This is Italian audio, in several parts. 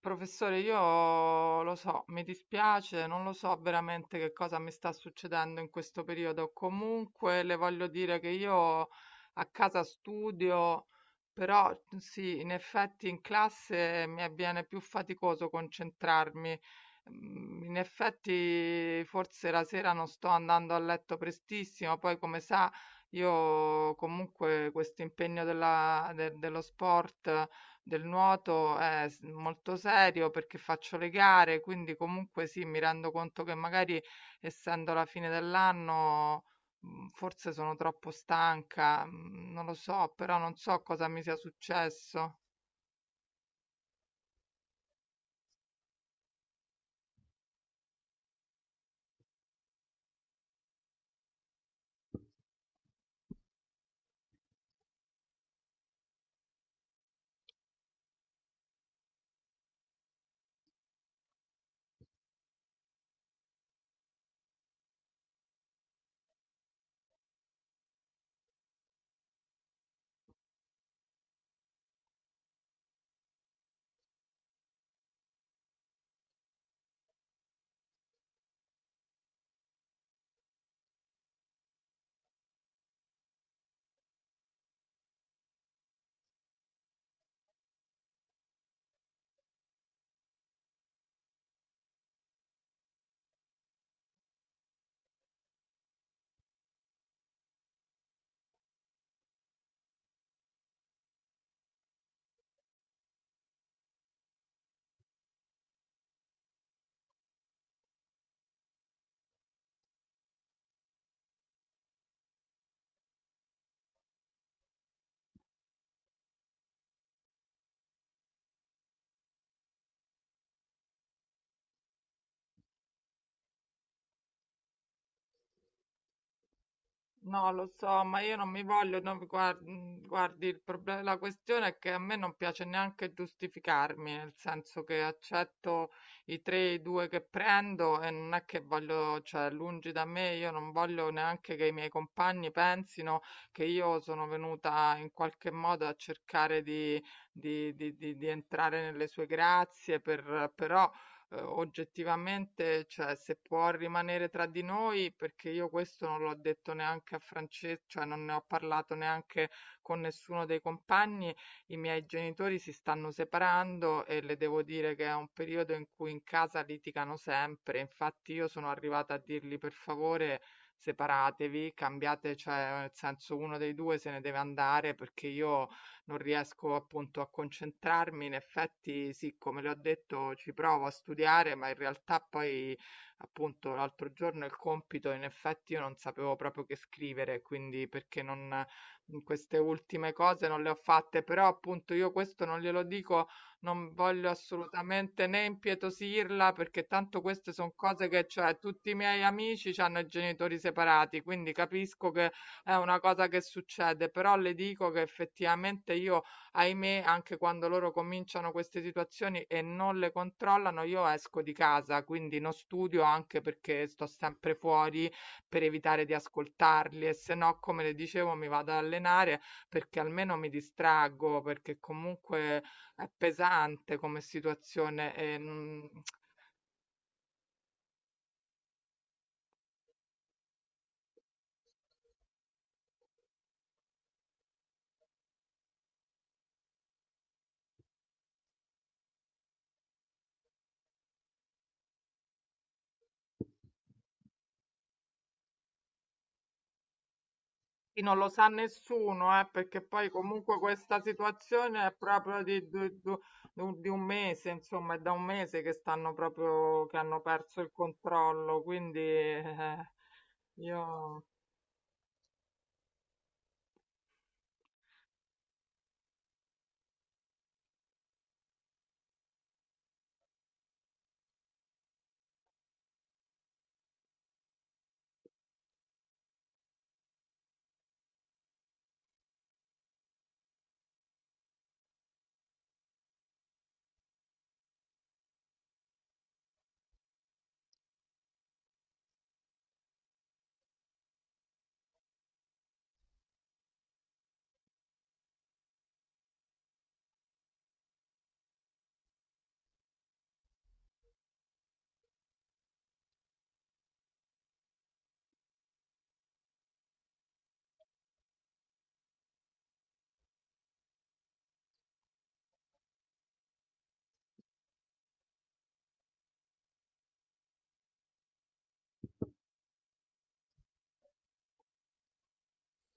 Professore, io lo so, mi dispiace, non lo so veramente che cosa mi sta succedendo in questo periodo. Comunque le voglio dire che io a casa studio, però sì, in effetti in classe mi avviene più faticoso concentrarmi. In effetti forse la sera non sto andando a letto prestissimo, poi come sa io comunque questo impegno dello sport del nuoto è molto serio perché faccio le gare, quindi comunque sì, mi rendo conto che magari essendo la fine dell'anno forse sono troppo stanca, non lo so, però non so cosa mi sia successo. No, lo so, ma io non mi voglio, no, guardi, il problema, la questione è che a me non piace neanche giustificarmi, nel senso che accetto i tre, i due che prendo e non è che voglio, cioè, lungi da me, io non voglio neanche che i miei compagni pensino che io sono venuta in qualche modo a cercare di, di entrare nelle sue grazie, per, però oggettivamente, cioè, se può rimanere tra di noi, perché io questo non l'ho detto neanche a Francesco, cioè non ne ho parlato neanche con nessuno dei compagni, i miei genitori si stanno separando e le devo dire che è un periodo in cui in casa litigano sempre. Infatti io sono arrivata a dirgli per favore separatevi, cambiate, cioè nel senso uno dei due se ne deve andare perché io non riesco appunto a concentrarmi. In effetti sì, come le ho detto, ci provo a studiare, ma in realtà poi appunto l'altro giorno il compito, in effetti io non sapevo proprio che scrivere, quindi perché non queste ultime cose non le ho fatte, però appunto io questo non glielo dico, non voglio assolutamente né impietosirla, perché tanto queste sono cose che, cioè, tutti i miei amici hanno i genitori separati, quindi capisco che è una cosa che succede, però le dico che effettivamente io, ahimè, anche quando loro cominciano queste situazioni e non le controllano, io esco di casa, quindi non studio anche perché sto sempre fuori per evitare di ascoltarli e se no, come le dicevo, mi vado ad allenare perché almeno mi distraggo, perché comunque è pesante come situazione. Sì, non lo sa nessuno, perché poi comunque questa situazione è proprio di, di un mese, insomma, è da un mese che stanno proprio, che hanno perso il controllo, quindi io,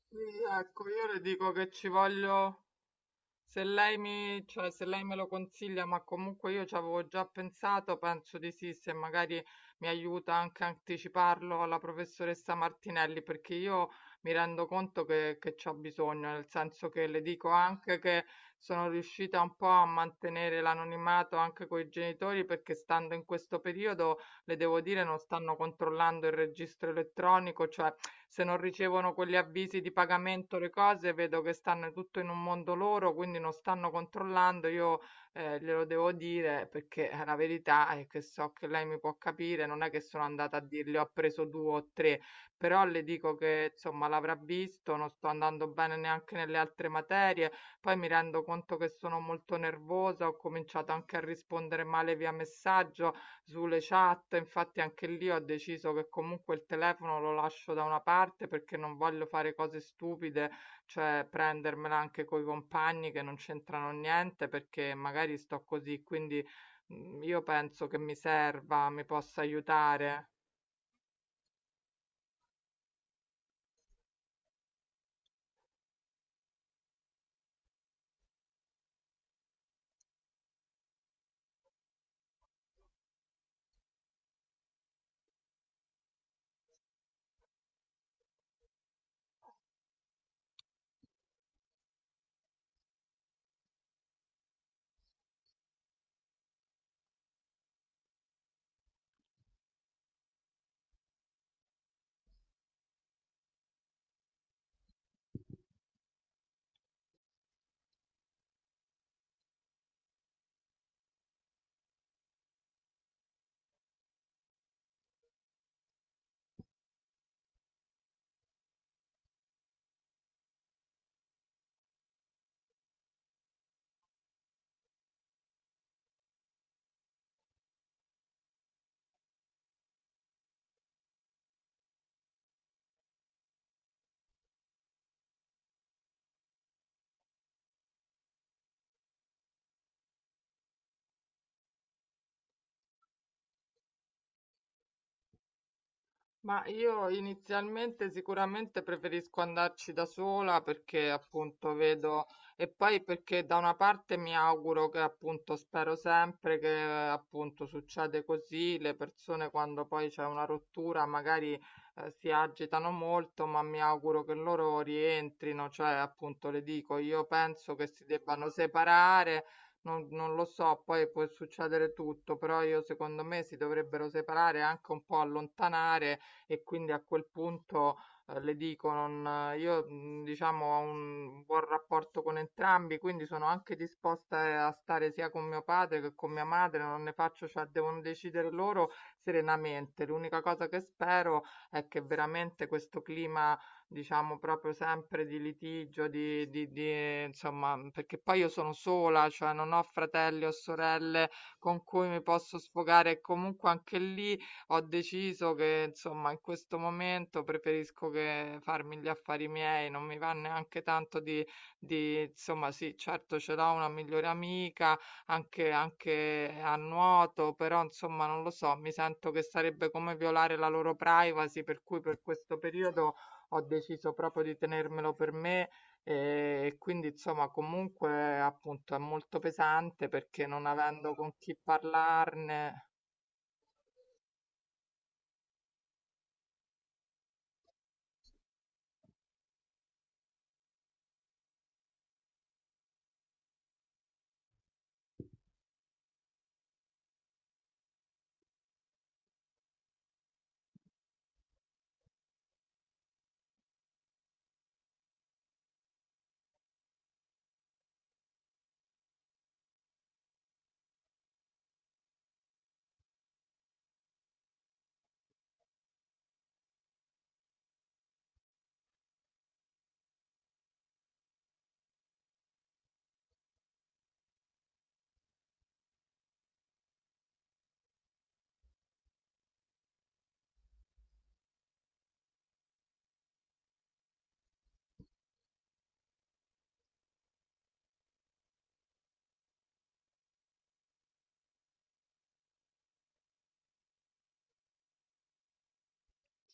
sì, ecco, io le dico che ci voglio, se lei mi, cioè, se lei me lo consiglia, ma comunque io ci avevo già pensato, penso di sì, se magari mi aiuta anche a anticiparlo alla professoressa Martinelli, perché io mi rendo conto che c'ho bisogno, nel senso che le dico anche che sono riuscita un po' a mantenere l'anonimato anche con i genitori, perché stando in questo periodo le devo dire, non stanno controllando il registro elettronico, cioè se non ricevono quegli avvisi di pagamento, le cose, vedo che stanno tutto in un mondo loro, quindi non stanno controllando. Io glielo devo dire perché la verità è che so che lei mi può capire, non è che sono andata a dirle ho preso due o tre, però le dico che insomma l'avrà visto, non sto andando bene neanche nelle altre materie, poi mi rendo conto che sono molto nervosa, ho cominciato anche a rispondere male via messaggio, sulle chat, infatti anche lì ho deciso che comunque il telefono lo lascio da una parte perché non voglio fare cose stupide, cioè prendermela anche coi compagni che non c'entrano niente perché magari sto così, quindi io penso che mi serva, mi possa aiutare. Ma io inizialmente sicuramente preferisco andarci da sola perché appunto vedo e poi perché da una parte mi auguro che appunto spero sempre che appunto succede così, le persone quando poi c'è una rottura magari si agitano molto, ma mi auguro che loro rientrino, cioè appunto le dico, io penso che si debbano separare. Non, non lo so, poi può succedere tutto, però io secondo me si dovrebbero separare e anche un po' allontanare e quindi a quel punto le dico, non, io diciamo ho un buon rapporto con entrambi, quindi sono anche disposta a stare sia con mio padre che con mia madre, non ne faccio, cioè devono decidere loro serenamente. L'unica cosa che spero è che veramente questo clima diciamo proprio sempre di litigio, di, perché poi io sono sola, cioè non ho fratelli o sorelle con cui mi posso sfogare, e comunque anche lì ho deciso che, insomma, in questo momento preferisco che farmi gli affari miei, non mi va neanche tanto di insomma, sì, certo ce l'ho una migliore amica, anche a nuoto, però, insomma, non lo so, mi sento che sarebbe come violare la loro privacy, per cui per questo periodo ho deciso proprio di tenermelo per me. E quindi insomma comunque appunto è molto pesante perché non avendo con chi parlarne.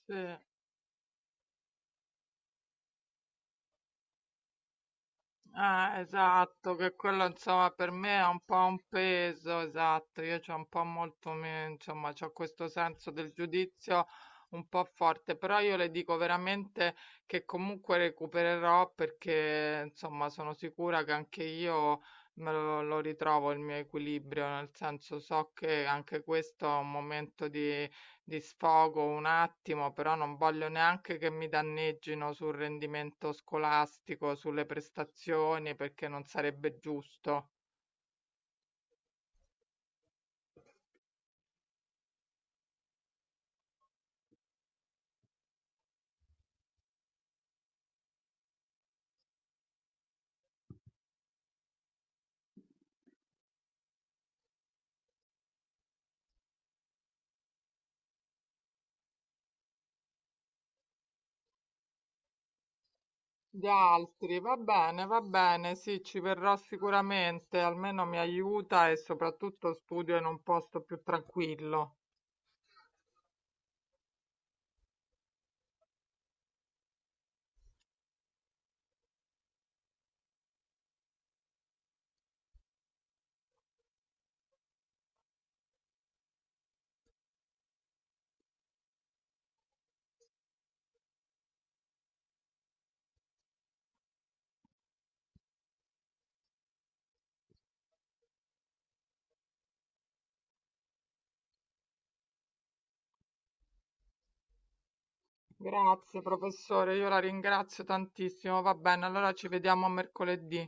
Sì. Esatto, che quello insomma per me è un po' un peso, esatto, io c'ho un po' molto, insomma, c'ho questo senso del giudizio un po' forte, però io le dico veramente che comunque recupererò perché insomma sono sicura che anche io me lo, lo ritrovo il mio equilibrio, nel senso so che anche questo è un momento di li sfogo un attimo, però non voglio neanche che mi danneggino sul rendimento scolastico, sulle prestazioni, perché non sarebbe giusto. Gli altri, va bene, sì, ci verrò sicuramente, almeno mi aiuta e soprattutto studio in un posto più tranquillo. Grazie, professore, io la ringrazio tantissimo. Va bene, allora ci vediamo mercoledì.